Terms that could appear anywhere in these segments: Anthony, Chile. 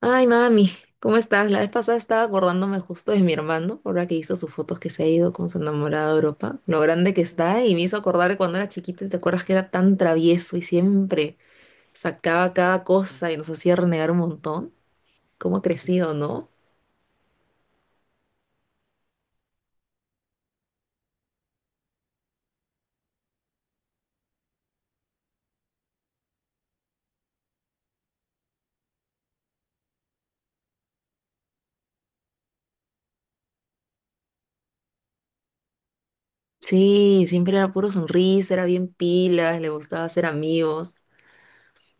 Ay, mami, ¿cómo estás? La vez pasada estaba acordándome justo de mi hermano, ahora que hizo sus fotos que se ha ido con su enamorada a Europa, lo grande que está, y me hizo acordar de cuando era chiquita, y ¿te acuerdas que era tan travieso y siempre sacaba cada cosa y nos hacía renegar un montón? ¿Cómo ha crecido, no? Sí, siempre era puro sonrisa, era bien pilas, le gustaba hacer amigos.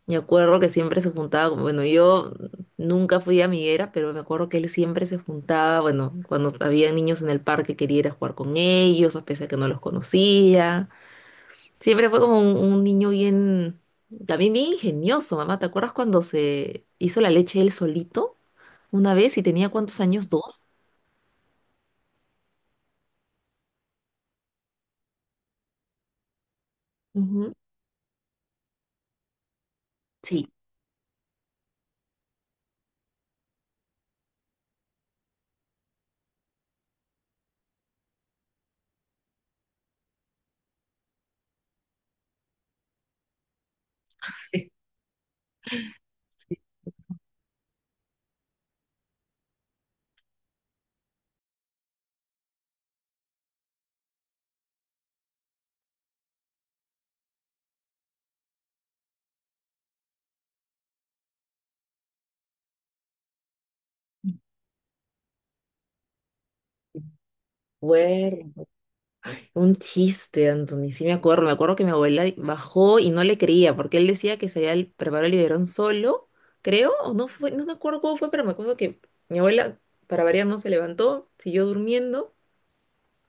Me acuerdo que siempre se juntaba, bueno, yo nunca fui amiguera, pero me acuerdo que él siempre se juntaba, bueno, cuando había niños en el parque quería ir a jugar con ellos, a pesar que no los conocía. Siempre fue como un niño bien, también bien ingenioso, mamá. ¿Te acuerdas cuando se hizo la leche él solito una vez y tenía cuántos años? Dos. Ujú. Sí. Bueno. Un chiste, Anthony. Sí me acuerdo que mi abuela bajó y no le creía, porque él decía que preparado el biberón solo, creo, o no fue, no me acuerdo cómo fue, pero me acuerdo que mi abuela, para variar, no se levantó, siguió durmiendo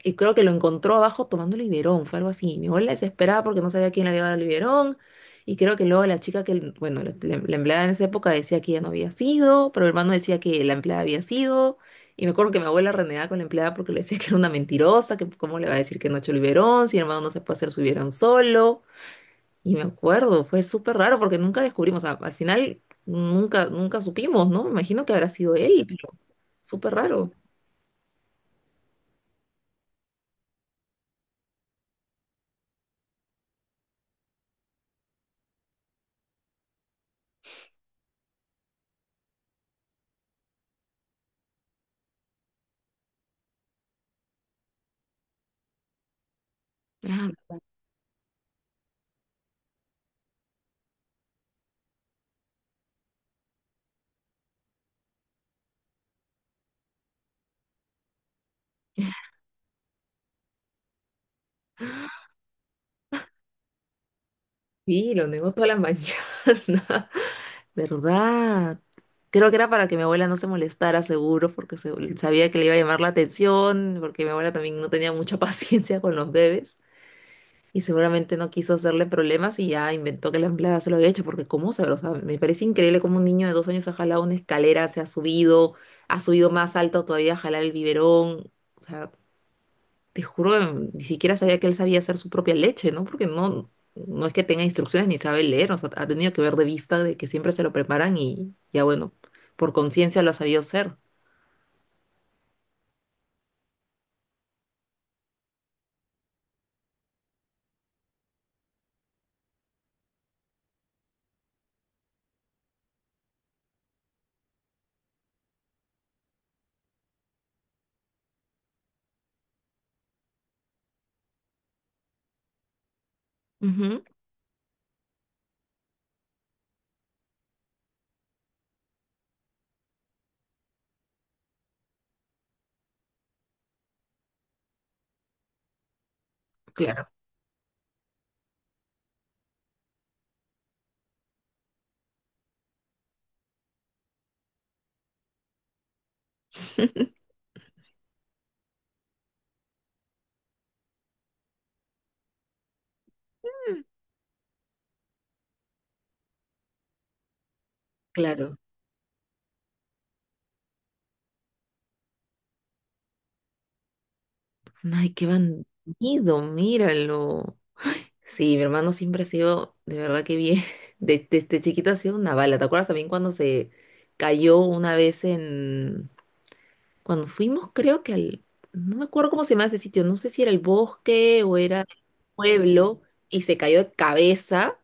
y creo que lo encontró abajo tomando Liberón, fue algo así. Mi abuela desesperada porque no sabía quién le había dado Liberón, y creo que luego la chica que, bueno, la empleada en esa época decía que ella no había sido, pero el hermano decía que la empleada había sido, y me acuerdo que mi abuela renegaba con la empleada porque le decía que era una mentirosa, que cómo le va a decir que no ha hecho Liberón, si el hermano no se puede hacer su Liberón solo, y me acuerdo, fue súper raro porque nunca descubrimos, o sea, al final nunca supimos, ¿no? Me imagino que habrá sido él, pero súper raro. Ah, sí, lo negó toda la mañana, ¿verdad? Creo que era para que mi abuela no se molestara, seguro, porque sabía que le iba a llamar la atención, porque mi abuela también no tenía mucha paciencia con los bebés y seguramente no quiso hacerle problemas y ya inventó que la empleada se lo había hecho, porque cómo sabe, o sea, me parece increíble cómo un niño de 2 años ha jalado una escalera, se ha subido más alto todavía a jalar el biberón, o sea, te juro, ni siquiera sabía que él sabía hacer su propia leche, ¿no? Porque no es que tenga instrucciones ni sabe leer, o sea, ha tenido que ver de vista de que siempre se lo preparan y ya bueno, por conciencia lo ha sabido hacer. Ujú, claro, claro. Ay, qué bandido, míralo. Sí, mi hermano siempre ha sido, de verdad que bien, desde chiquito ha sido una bala. ¿Te acuerdas también cuando se cayó una vez en, cuando fuimos, creo que al, no me acuerdo cómo se llama ese sitio, no sé si era el bosque o era el pueblo, y se cayó de cabeza,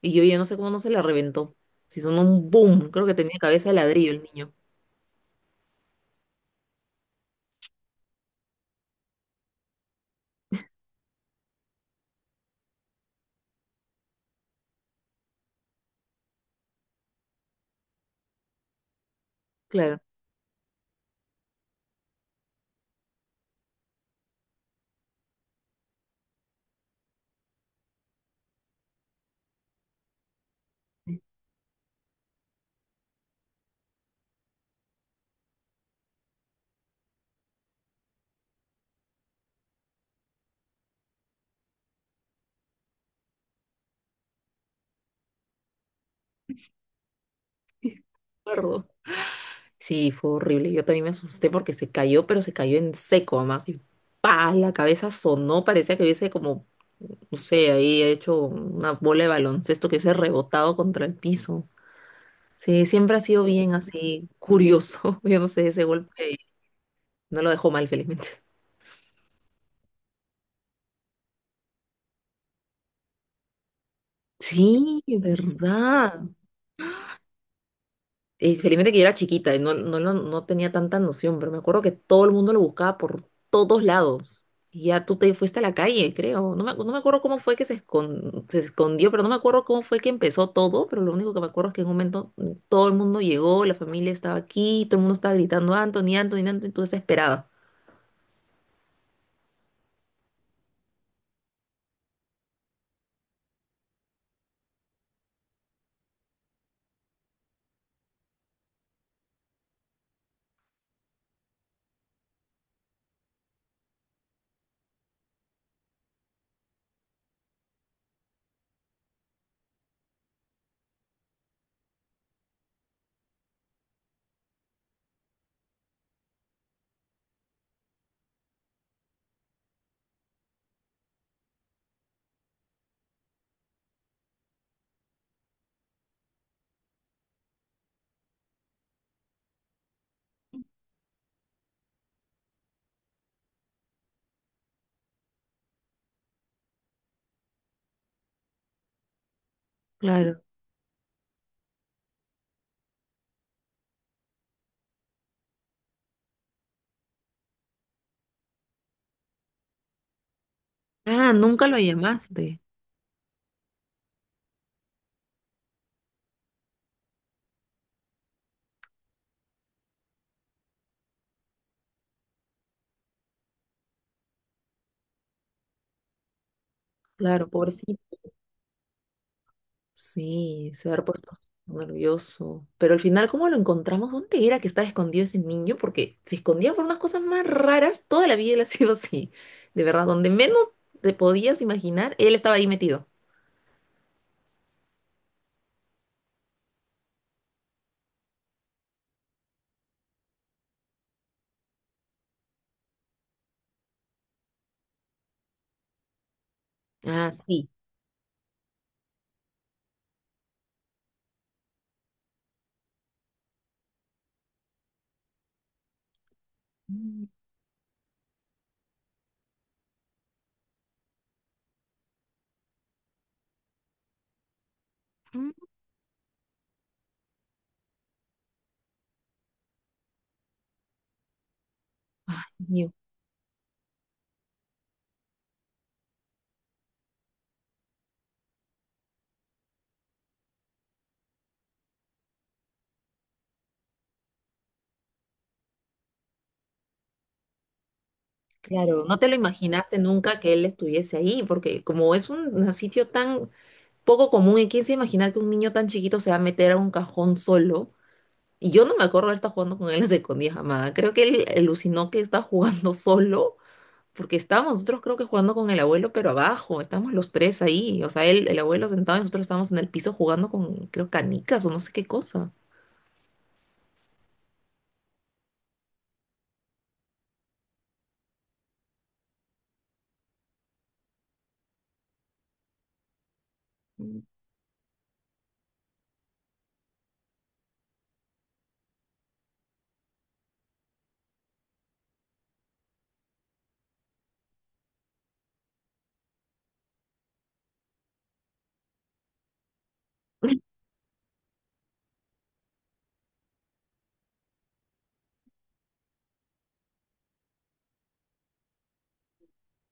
y yo ya no sé cómo no se la reventó. Si sonó un boom, creo que tenía cabeza de ladrillo el niño. Claro. Me acuerdo. Sí, fue horrible. Yo también me asusté porque se cayó, pero se cayó en seco, además. Y pa, la cabeza sonó, parecía que hubiese como, no sé, ahí hecho una bola de baloncesto que hubiese rebotado contra el piso. Sí, siempre ha sido bien así curioso. Yo no sé, ese golpe no lo dejó mal, felizmente. Sí, verdad. Felizmente que yo era chiquita y no tenía tanta noción, pero me acuerdo que todo el mundo lo buscaba por todos lados. Y ya tú te fuiste a la calle, creo. No me acuerdo cómo fue que se escondió, pero no me acuerdo cómo fue que empezó todo, pero lo único que me acuerdo es que en un momento todo el mundo llegó, la familia estaba aquí, todo el mundo estaba gritando, Anthony, Anthony, Anthony, tú desesperada. Claro. Ah, nunca lo llamaste. Claro, pobrecito. Sí, se ha puesto nervioso. Pero al final, ¿cómo lo encontramos? ¿Dónde era que estaba escondido ese niño? Porque se escondía por unas cosas más raras. Toda la vida él ha sido así. De verdad, donde menos te podías imaginar, él estaba ahí metido. Ah, sí. Ujú. Ay, Dios mío. Claro, no te lo imaginaste nunca que él estuviese ahí, porque como es un sitio tan poco común, ¿y quién se imagina que un niño tan chiquito se va a meter a un cajón solo? Y yo no me acuerdo de estar jugando con él a escondidas jamás. Creo que él alucinó que está jugando solo, porque estábamos nosotros creo que jugando con el abuelo, pero abajo, estábamos los tres ahí. O sea, él, el abuelo sentado y nosotros estábamos en el piso jugando con, creo, canicas o no sé qué cosa. Mm.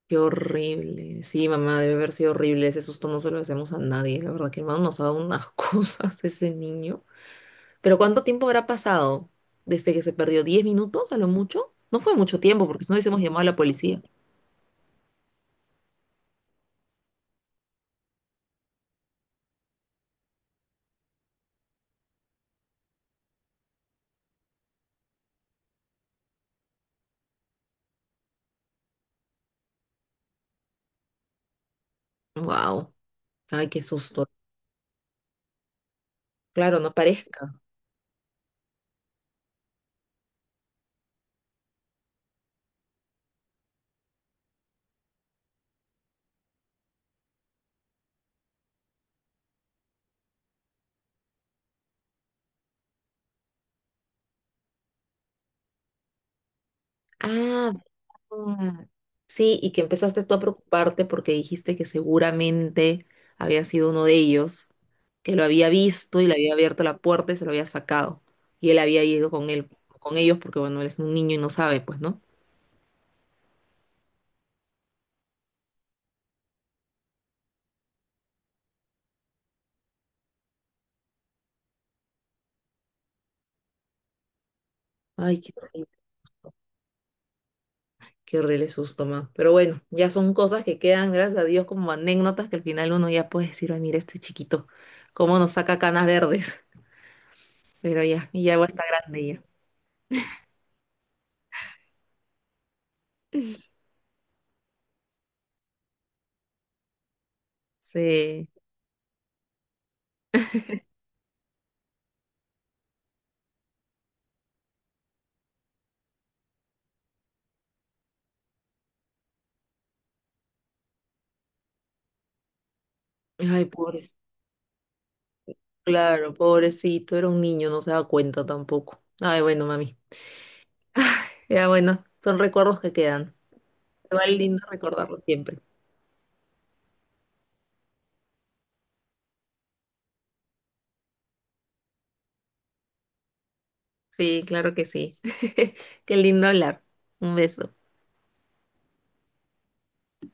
Qué horrible. Sí, mamá, debe haber sido horrible. Ese susto no se lo hacemos a nadie. La verdad que hermano nos ha dado unas cosas ese niño. Pero ¿cuánto tiempo habrá pasado desde que se perdió? ¿10 minutos a lo mucho? No fue mucho tiempo porque si no hubiésemos llamado a la policía. Wow. Ay, qué susto. Claro, no parezca. Ah, verdad. Sí, y que empezaste tú a preocuparte porque dijiste que seguramente había sido uno de ellos, que lo había visto y le había abierto la puerta y se lo había sacado. Y él había ido con él, con ellos, porque bueno, él es un niño y no sabe, pues, ¿no? Ay, qué horrible susto, ma. Pero bueno, ya son cosas que quedan, gracias a Dios, como anécdotas que al final uno ya puede decir, ay, mira este chiquito, cómo nos saca canas verdes. Pero ya, y ya va a estar grande ya. Sí. Ay, pobre. Claro, pobrecito, era un niño, no se da cuenta tampoco. Ay, bueno, mami. Ya bueno, son recuerdos que quedan. Igual lindo recordarlo siempre. Sí, claro que sí. Qué lindo hablar. Un beso.